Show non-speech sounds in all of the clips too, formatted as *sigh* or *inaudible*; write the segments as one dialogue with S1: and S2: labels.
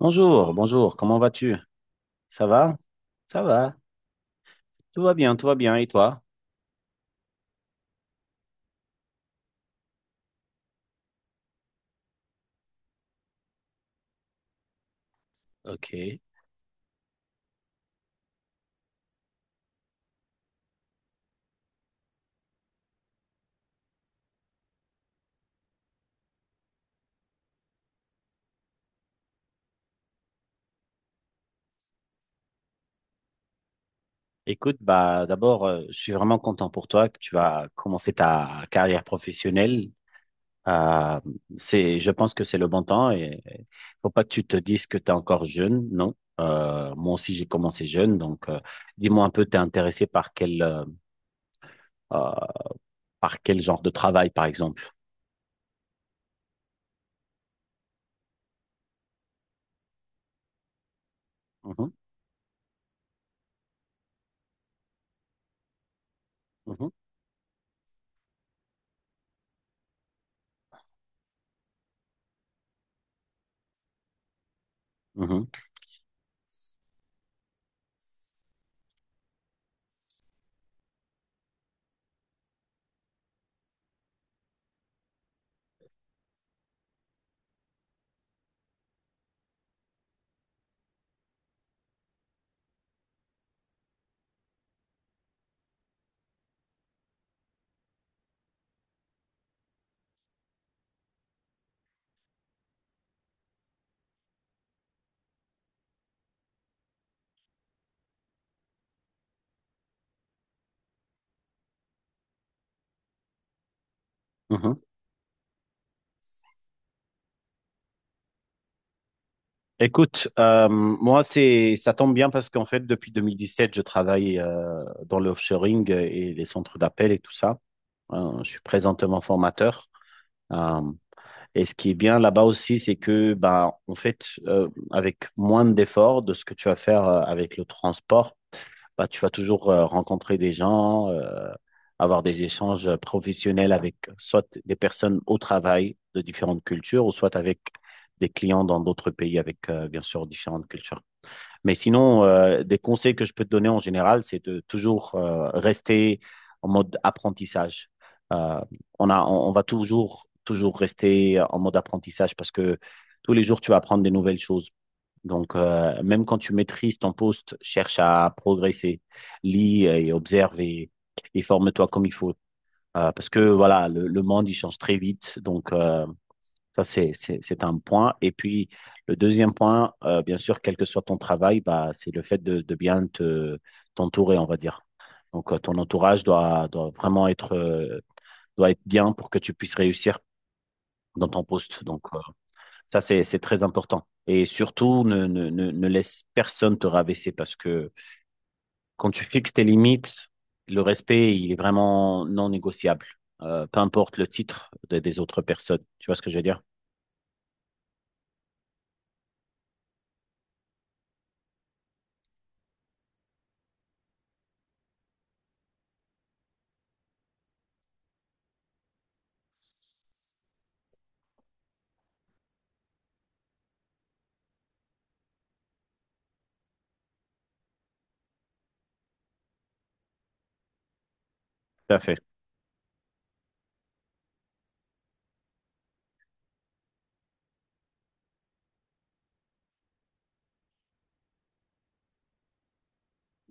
S1: Bonjour, bonjour, comment vas-tu? Ça va? Ça va, tout va bien, et toi? Ok. Écoute, bah d'abord, je suis vraiment content pour toi que tu vas commencer ta carrière professionnelle. Euh, c'est, je pense que c'est le bon temps et faut pas que tu te dises que tu es encore jeune, non? Moi aussi, j'ai commencé jeune, donc dis-moi un peu, t'es intéressé euh, par quel genre de travail, par exemple? Mhm, mhm, mhm, mhm. Écoute, moi, c'est, ça tombe bien parce qu'en fait, depuis 2017, je travaille dans le offshoring et les centres d'appel et tout ça. Je suis présentement formateur. Euh, et ce qui est bien là-bas aussi, c'est que, bah, en fait, avec moins d'efforts de ce que tu vas faire avec le transport, bah, tu vas toujours rencontrer des gens, avoir des échanges professionnels avec soit des personnes au travail de différentes cultures, ou soit avec des clients dans d'autres pays avec, bien sûr, différentes cultures. Mais sinon, des conseils que je peux te donner en général, c'est de toujours rester en mode apprentissage. Euh, on va toujours, toujours rester en mode apprentissage parce que tous les jours, tu vas apprendre des nouvelles choses. Donc, même quand tu maîtrises ton poste, cherche à progresser, lis et observe et forme-toi comme il faut. Parce que voilà, le monde, il change très vite. Donc, ça, c'est un point. Et puis, le deuxième point, bien sûr, quel que soit ton travail, bah, c'est le fait de bien te, t'entourer, on va dire. Donc, ton entourage doit vraiment être, doit être bien pour que tu puisses réussir dans ton poste. Donc, ça, c'est très important. Et surtout, ne laisse personne te rabaisser parce que quand tu fixes tes limites, le respect, il est vraiment non négociable. Peu importe le titre de- des autres personnes. Tu vois ce que je veux dire? Tout à fait.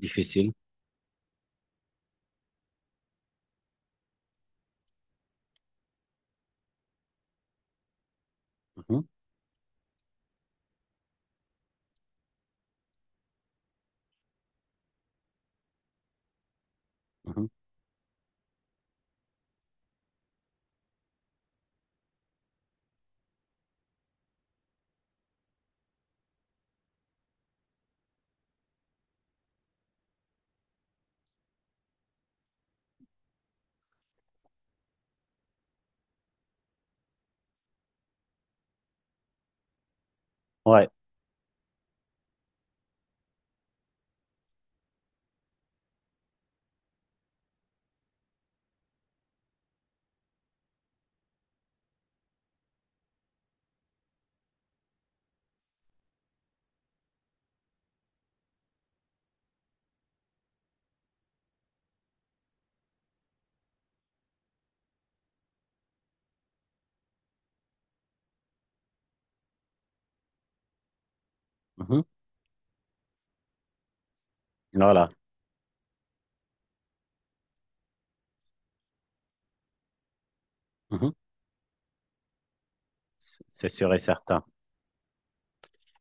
S1: Difficile. Mhm, mhm. Ouais. Mhm. Voilà. Mhm. C'est sûr et certain.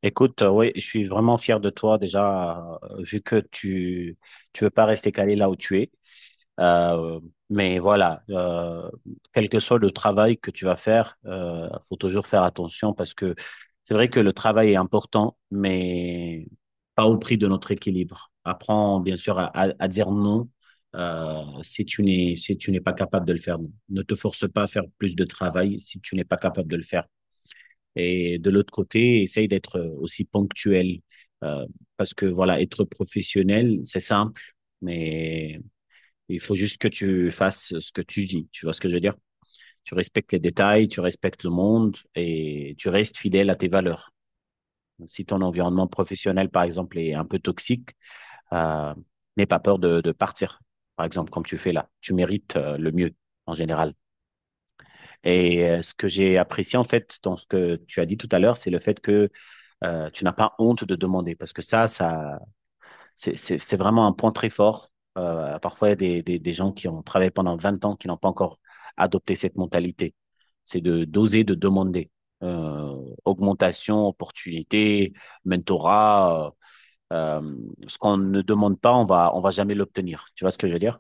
S1: Écoute, oui, je suis vraiment fier de toi déjà, vu que tu veux pas rester calé là où tu es. Euh, mais voilà, quel que soit le travail que tu vas faire, faut toujours faire attention parce que c'est vrai que le travail est important, mais pas au prix de notre équilibre. Apprends bien sûr à dire non si tu n'es si tu n'es pas capable de le faire. Ne te force pas à faire plus de travail si tu n'es pas capable de le faire. Et de l'autre côté, essaye d'être aussi ponctuel euh, parce que voilà, être professionnel, c'est simple. Mais il faut juste que tu fasses ce que tu dis. Tu vois ce que je veux dire. Tu respectes les détails, tu respectes le monde et tu restes fidèle à tes valeurs. Si ton environnement professionnel, par exemple, est un peu toxique, euh, n'aie pas peur partir. Par exemple, comme tu fais là, tu mérites le mieux en général. Et ce que j'ai apprécié en fait dans ce que tu as dit tout à l'heure, c'est le fait que tu n'as pas honte de demander, parce que c'est vraiment un point très fort. Parfois, il y a des gens qui ont travaillé pendant 20 ans qui n'ont pas encore adopté cette mentalité. C'est de d'oser, de demander. Euh, Augmentation, opportunité, mentorat, euh, euh, ce qu'on ne demande pas, on va jamais l'obtenir. Tu vois ce que je veux dire?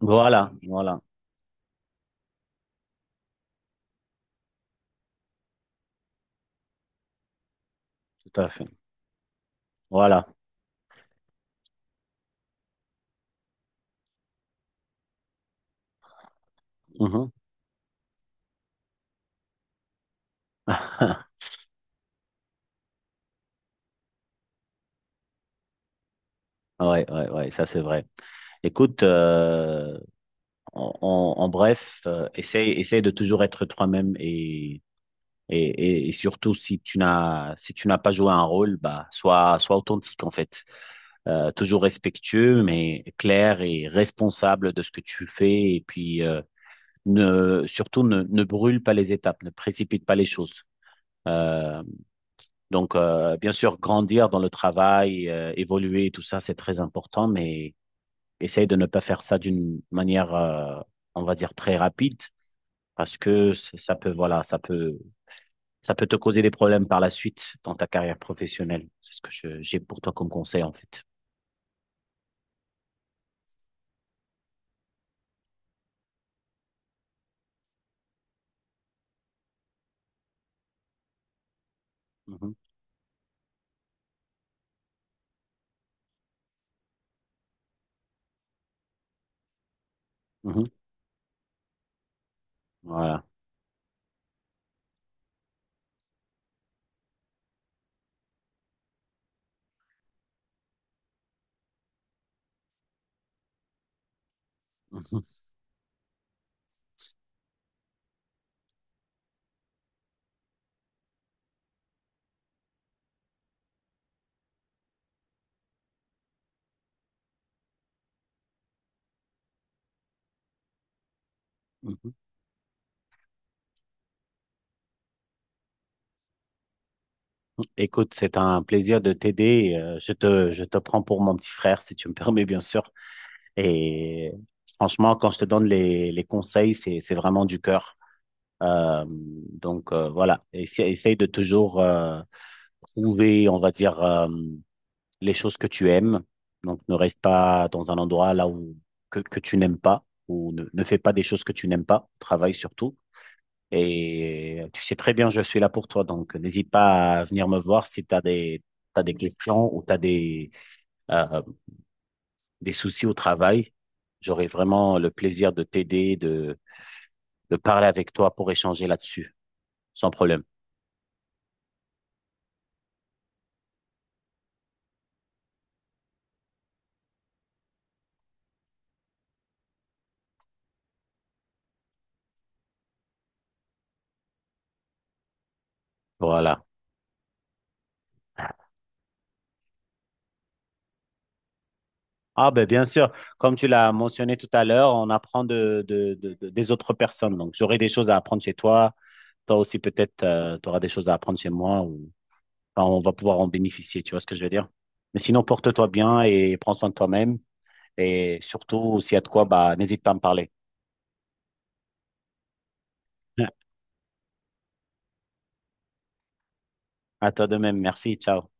S1: Voilà, voilà, tout à fait. Voilà. Mhm. *laughs* Ouais, ouais, ouais, ça c'est vrai. Écoute, en bref, essaye de toujours être toi-même et, et surtout, si tu n'as si tu n'as pas joué un rôle, bah, sois authentique en fait. Toujours respectueux, mais clair et responsable de ce que tu fais. Et puis, ne, surtout, ne, ne brûle pas les étapes, ne précipite pas les choses. Euh, donc, bien sûr, grandir dans le travail, évoluer, tout ça, c'est très important, mais essaye de ne pas faire ça d'une manière, on va dire, très rapide, parce que ça peut, voilà, ça peut te causer des problèmes par la suite dans ta carrière professionnelle. C'est ce que je- j'ai pour toi comme conseil, en fait. Mhm, mhm. Voilà. *laughs* Mhm, mhm. Écoute, c'est un plaisir de t'aider. Je te prends pour mon petit frère, si tu me *laughs* permets, bien sûr. Et franchement, quand je te donne les conseils, c'est vraiment du cœur. Donc voilà, Essa- essaye de toujours trouver, on va dire, les choses que tu aimes. Donc ne reste pas dans un endroit là où que tu n'aimes pas ou ne fais pas des choses que tu n'aimes pas. Travaille surtout. Et tu sais très bien, je suis là pour toi. Donc n'hésite pas à venir me voir si t'as des questions ou tu as euh, des soucis au travail. J'aurai vraiment le plaisir de t'aider, de parler avec toi pour échanger là-dessus, sans problème. Voilà. Ah ben bien sûr, comme tu l'as mentionné tout à l'heure, on apprend des autres personnes. Donc j'aurai des choses à apprendre chez toi, toi aussi peut-être tu auras des choses à apprendre chez moi ou enfin, on va pouvoir en bénéficier, tu vois ce que je veux dire? Mais sinon porte-toi bien et prends soin de toi-même et surtout s'il y a de quoi bah n'hésite pas à me parler. *laughs* À toi de même, merci, ciao.